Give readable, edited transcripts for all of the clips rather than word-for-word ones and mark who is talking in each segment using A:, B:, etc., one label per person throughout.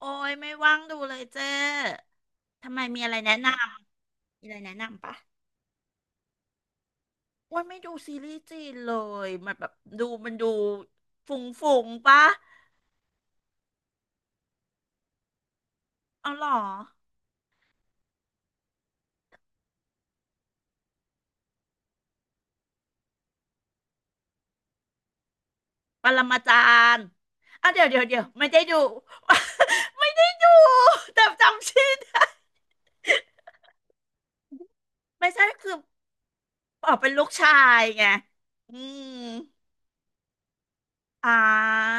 A: โอ้ยไม่ว่างดูเลยเจ้ทำไมมีอะไรแนะนำมีอะไรแนะนำปะโอ้ยไม่ดูซีรีส์จีนเลยมันแบบดูมันดูฝุ่งฝุ่งปะเอาหรอปรมาจารย์อ่ะเดี๋ยวไม่ได้ดู ไม่ได้ดูแต่จำชื่อได้ไม่ใช่คือออกเป็นลูกชายไงอืมอ่า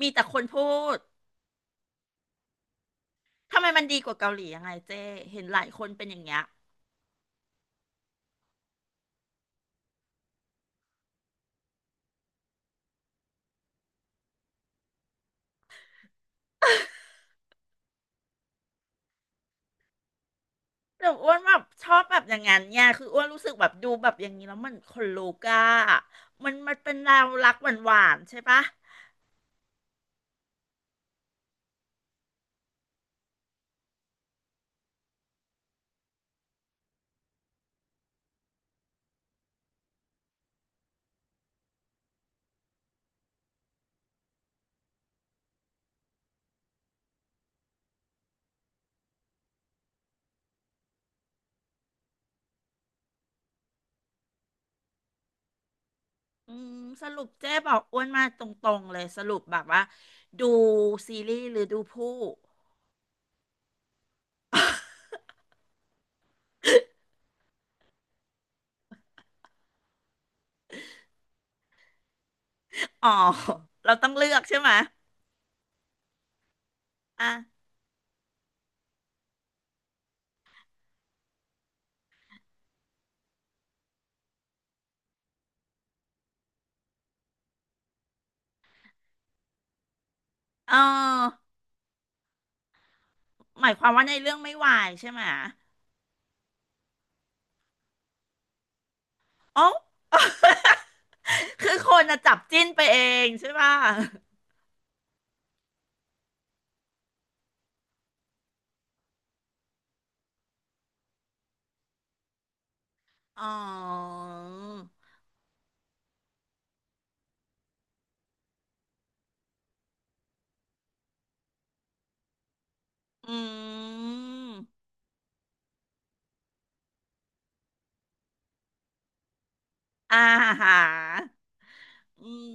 A: มีแต่คนพูดทำไมมันดีกว่าเกาหลียังไงเจ้เห็นหลายคนเป็นอย่างเงี้ย แต่อ้วนแบบชอบแบบอย่างนั้นเนี่ยคืออ้วนรู้สึกแบบดูแบบอย่างนี้แล้วมันลูกอะมันเป็นแนวรักหวานหวานใช่ปะอืมสรุปเจ๊บอกอ้วนมาตรงๆเลยสรุปแบบว่าดูซีรีส์หรือดูผู้อ๋อเราต้องเลือกใช่ไหมอ่ะเออหมายความว่าในเรื่องไม่วายใช่ไหมอ๋อ คือคนจะจับจิ้นไปเองใช่ป่ะอ๋ออืม อาหาอืม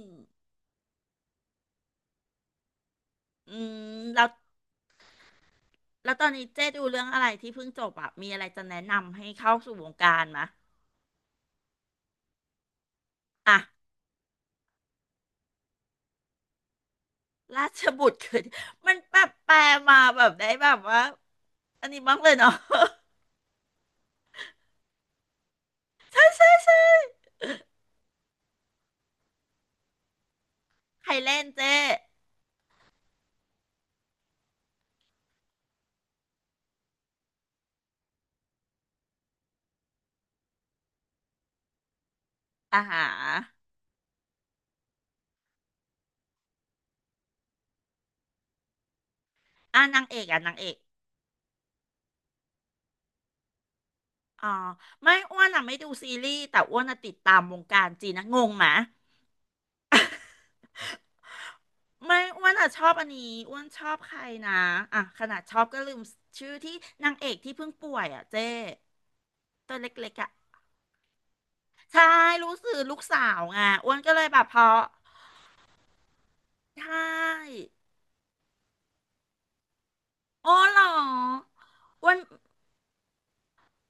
A: อืมแล้วแล้วตอนนี้เจ๊ดูเรื่องอะไรที่เพิ่งจบอะมีอะไรจะแนะนำให้เข้าสู่วงการมะอ่ะราชบุตรคือ มันแบบแปลมาแบบได้แบบว่าอันนี้บ้างเลยเนาะ ใครเล่นเจ๊อาหาอ่ะนางเอกอ่ะนางเอกอ๋อไม่อ้วนอ่ะไม่ดูซีรีส์แต่อ้วนอ่ะติดตามวงการจีนนะงงไหมะ ไม่อ้วนอ่ะชอบอันนี้อ้วนชอบใครนะอ่ะขนาดชอบก็ลืมชื่อที่นางเอกที่เพิ่งป่วยอ่ะเจ้ตัวเล็กๆอ่ะใช่รู้สึกลูกสาวไงอ้วนก็เลยแบบเพราะใช่อ๋อเหรออ้วน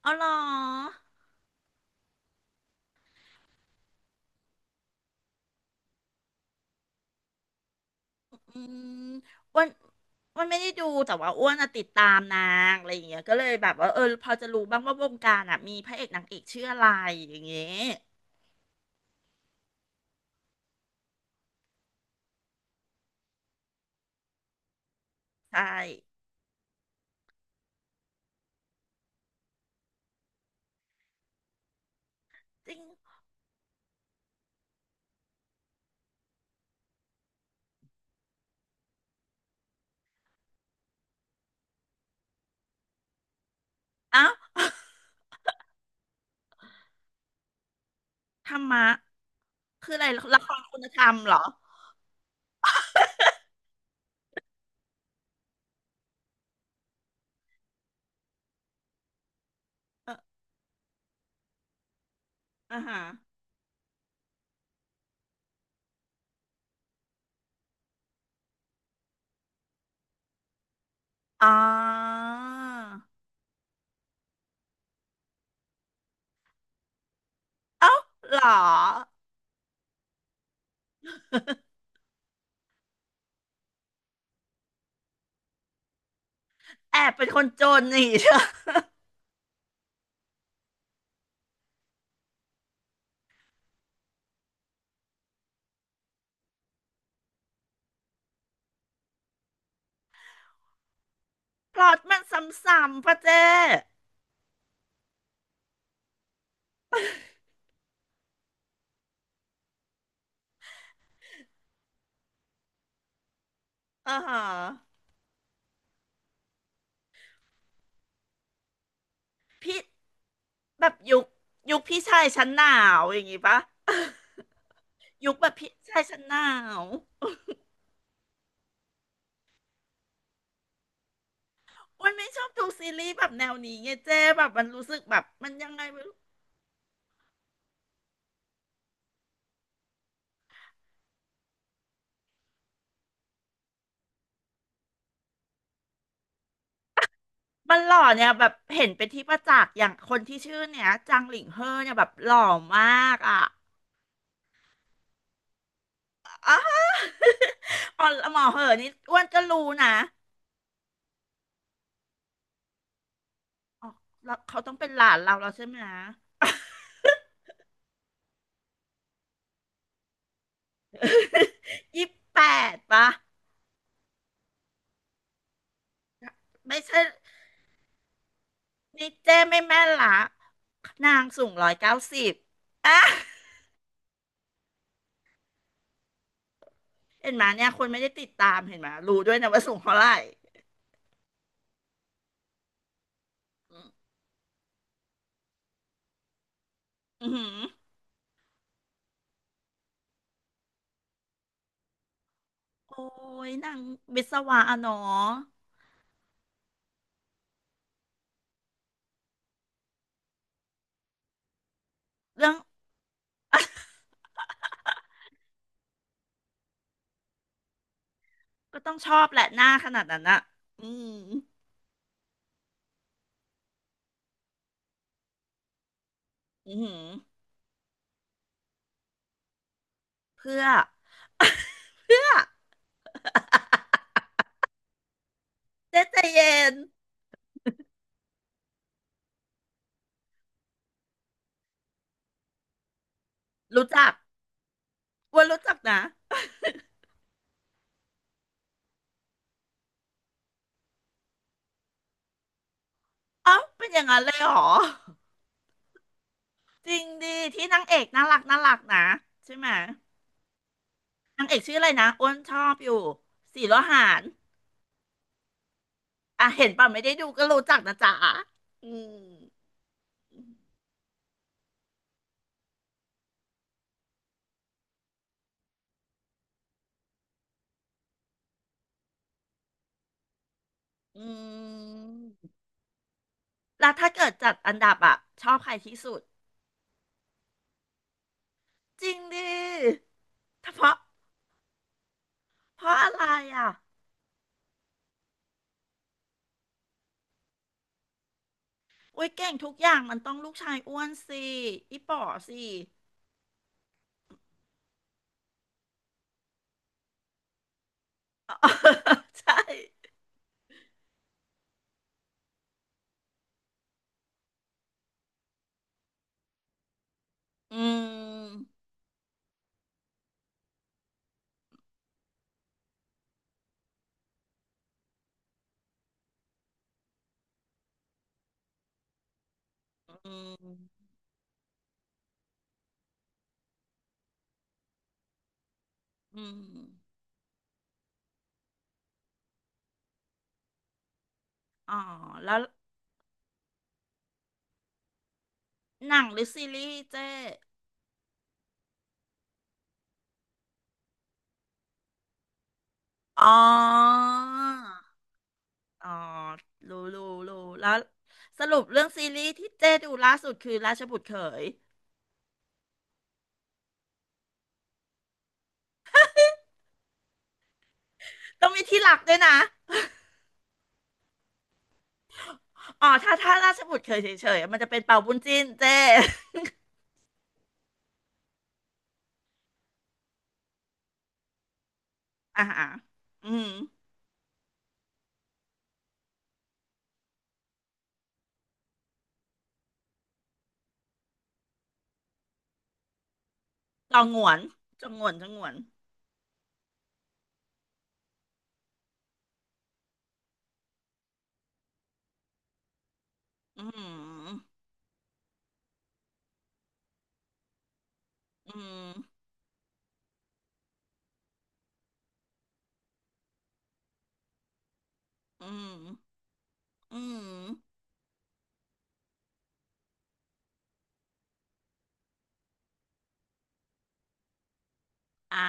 A: อ๋อเหรออืมอ้วนไม่ได้ดูแต่ว่าอ้วนอะติดตามนางอะไรอย่างเงี้ยก็เลยแบบว่าเออพอจะรู้บ้างว่าวงการอ่ะมีพระเอกนางเอกชื่ออะไรอย่างเงี้ยใช่จริงเอ้า ธรรมะคืออะไรละครคุณธรรมเหรอเอออ่าฮะอ๋อเอ้าเหรอ แอบเป็นคนจนนี่ พล็อตมันซ้ำๆพระเจ้อ่าฮะพี่แบบยุคยุคพี่ชายชั้นหนาวอย่างงี้ปะ ยุคแบบพี่ชายชั้นหนาวมันไม่ชอบดูซีรีส์แบบแนวนี้ไงเจ้แบบมันรู้สึกแบบมันยังไง มันหล่อเนี่ยแบบเห็นเป็นที่ประจักษ์อย่างคนที่ชื่อเนี่ยจังหลิงเฮอเนี่ยแบบหล่อมากอ่ะอ๋อหมอเหอะนี่อ้วนก็รู้นะอ๋อแล้วเขาต้องเป็นหลานเราแล้วใช่ไหมนะ ยี่สิบแปดปะไม่ใช่นี่เจ้ไม่แม่นละนางสูงร้อยเก้าสิบอ่ะเห็นไหมเนี่ยคนไม่ได้ติดตามเห็นไหมรู้ด้วยนะว่าสูงเท่าไหร่อืมออหือโอ้ยนางวิศวะอะเนาะเรื่อง ก็ต้องชอบแหละหน้าขนาดนั้นอะอืมอือหือเพื่อ เพื่อเจ๊ใจเย็นรู้จักว่ารู้จักนะเอ้าเป็นอย่างนั้นเลยเหรอ จริงดิที่นางเอกน่ารักน่ารักนะใช่ไหมนางเอกชื่ออะไรนะอ้วนชอบอยู่สีโลหานอ่ะเห็นป่ะไม่ได้ดูก็รู้จักนะจ๊ะอืมอืมแล้วถ้าเกิดจัดอันดับอะชอบใครที่สุด จริงดิเพราะเพราะอะไรอ่ะ อุ้ยเก่งทุกอย่างมันต้องลูกชายอ้วนสิอีป๋อสิ อ๋อ ใช่อืมอืมอืมอ๋อแล้วหนังหรือซีรีส์เจ๊อ๋ออ๋อรู้รู้รู้แล้วสรุปเรื่องซีรีส์ที่เจ๊ดูล่าสุดคือราชบุตรเขยต้องมีที่หลักด้วยนะอ๋อถ้าถ้าราชบุตรเขยเฉยๆมันจะเป็นเป่าบุญจิ้นเจ๊ อ่าฮะอืมจองหงวนจองหงวนจองหงวนอืม อืมอืมอืมอ่า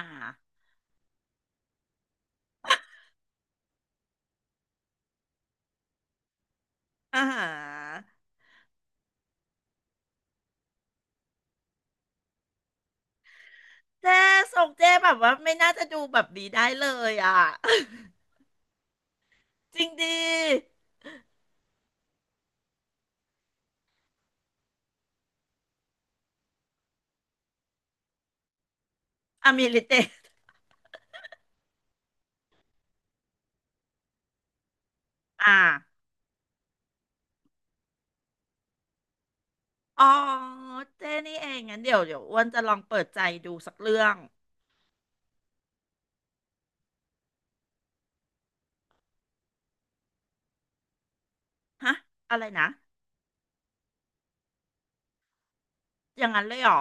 A: อ่าเจ๊ส่งเจ๊แบบว่าไม่น่าจะดูแบบดีได้เลยอ่ะ จริงดีอมิลิเตอ่าอ๋อเจ๊นี่เองงั้นเดี๋ยวอ้วนจะลองเปิดใจดูสักเรื่องฮะอะไรนะอย่างนั้นเลยเหรอ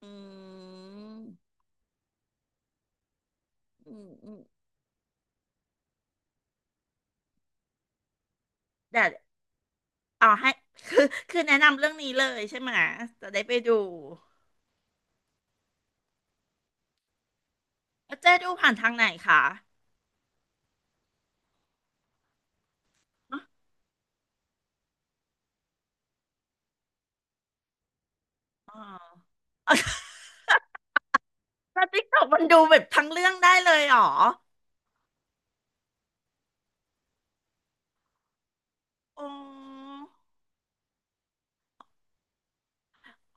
A: อืมอืมอืมเดี๋ยวเอาให้ คือคือแนะนำเรื่องนี้เลยใช่ไหมะจะได้ไปดูแล้วเจ๊ดูผ่านทางไหนคะอ๋อ แ้าติ๊กต็อกมันดูแบบทั้งเรื่องได้เลยเหรออ๋อ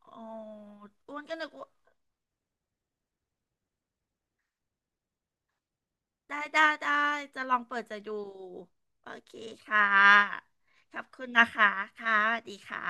A: อ๋ออ้วนก็นึกว่าได้ได้ได้จะลองเปิดใจดูโอเคค่ะขอบคุณนะคะ ค่ะสวัสดีค่ะ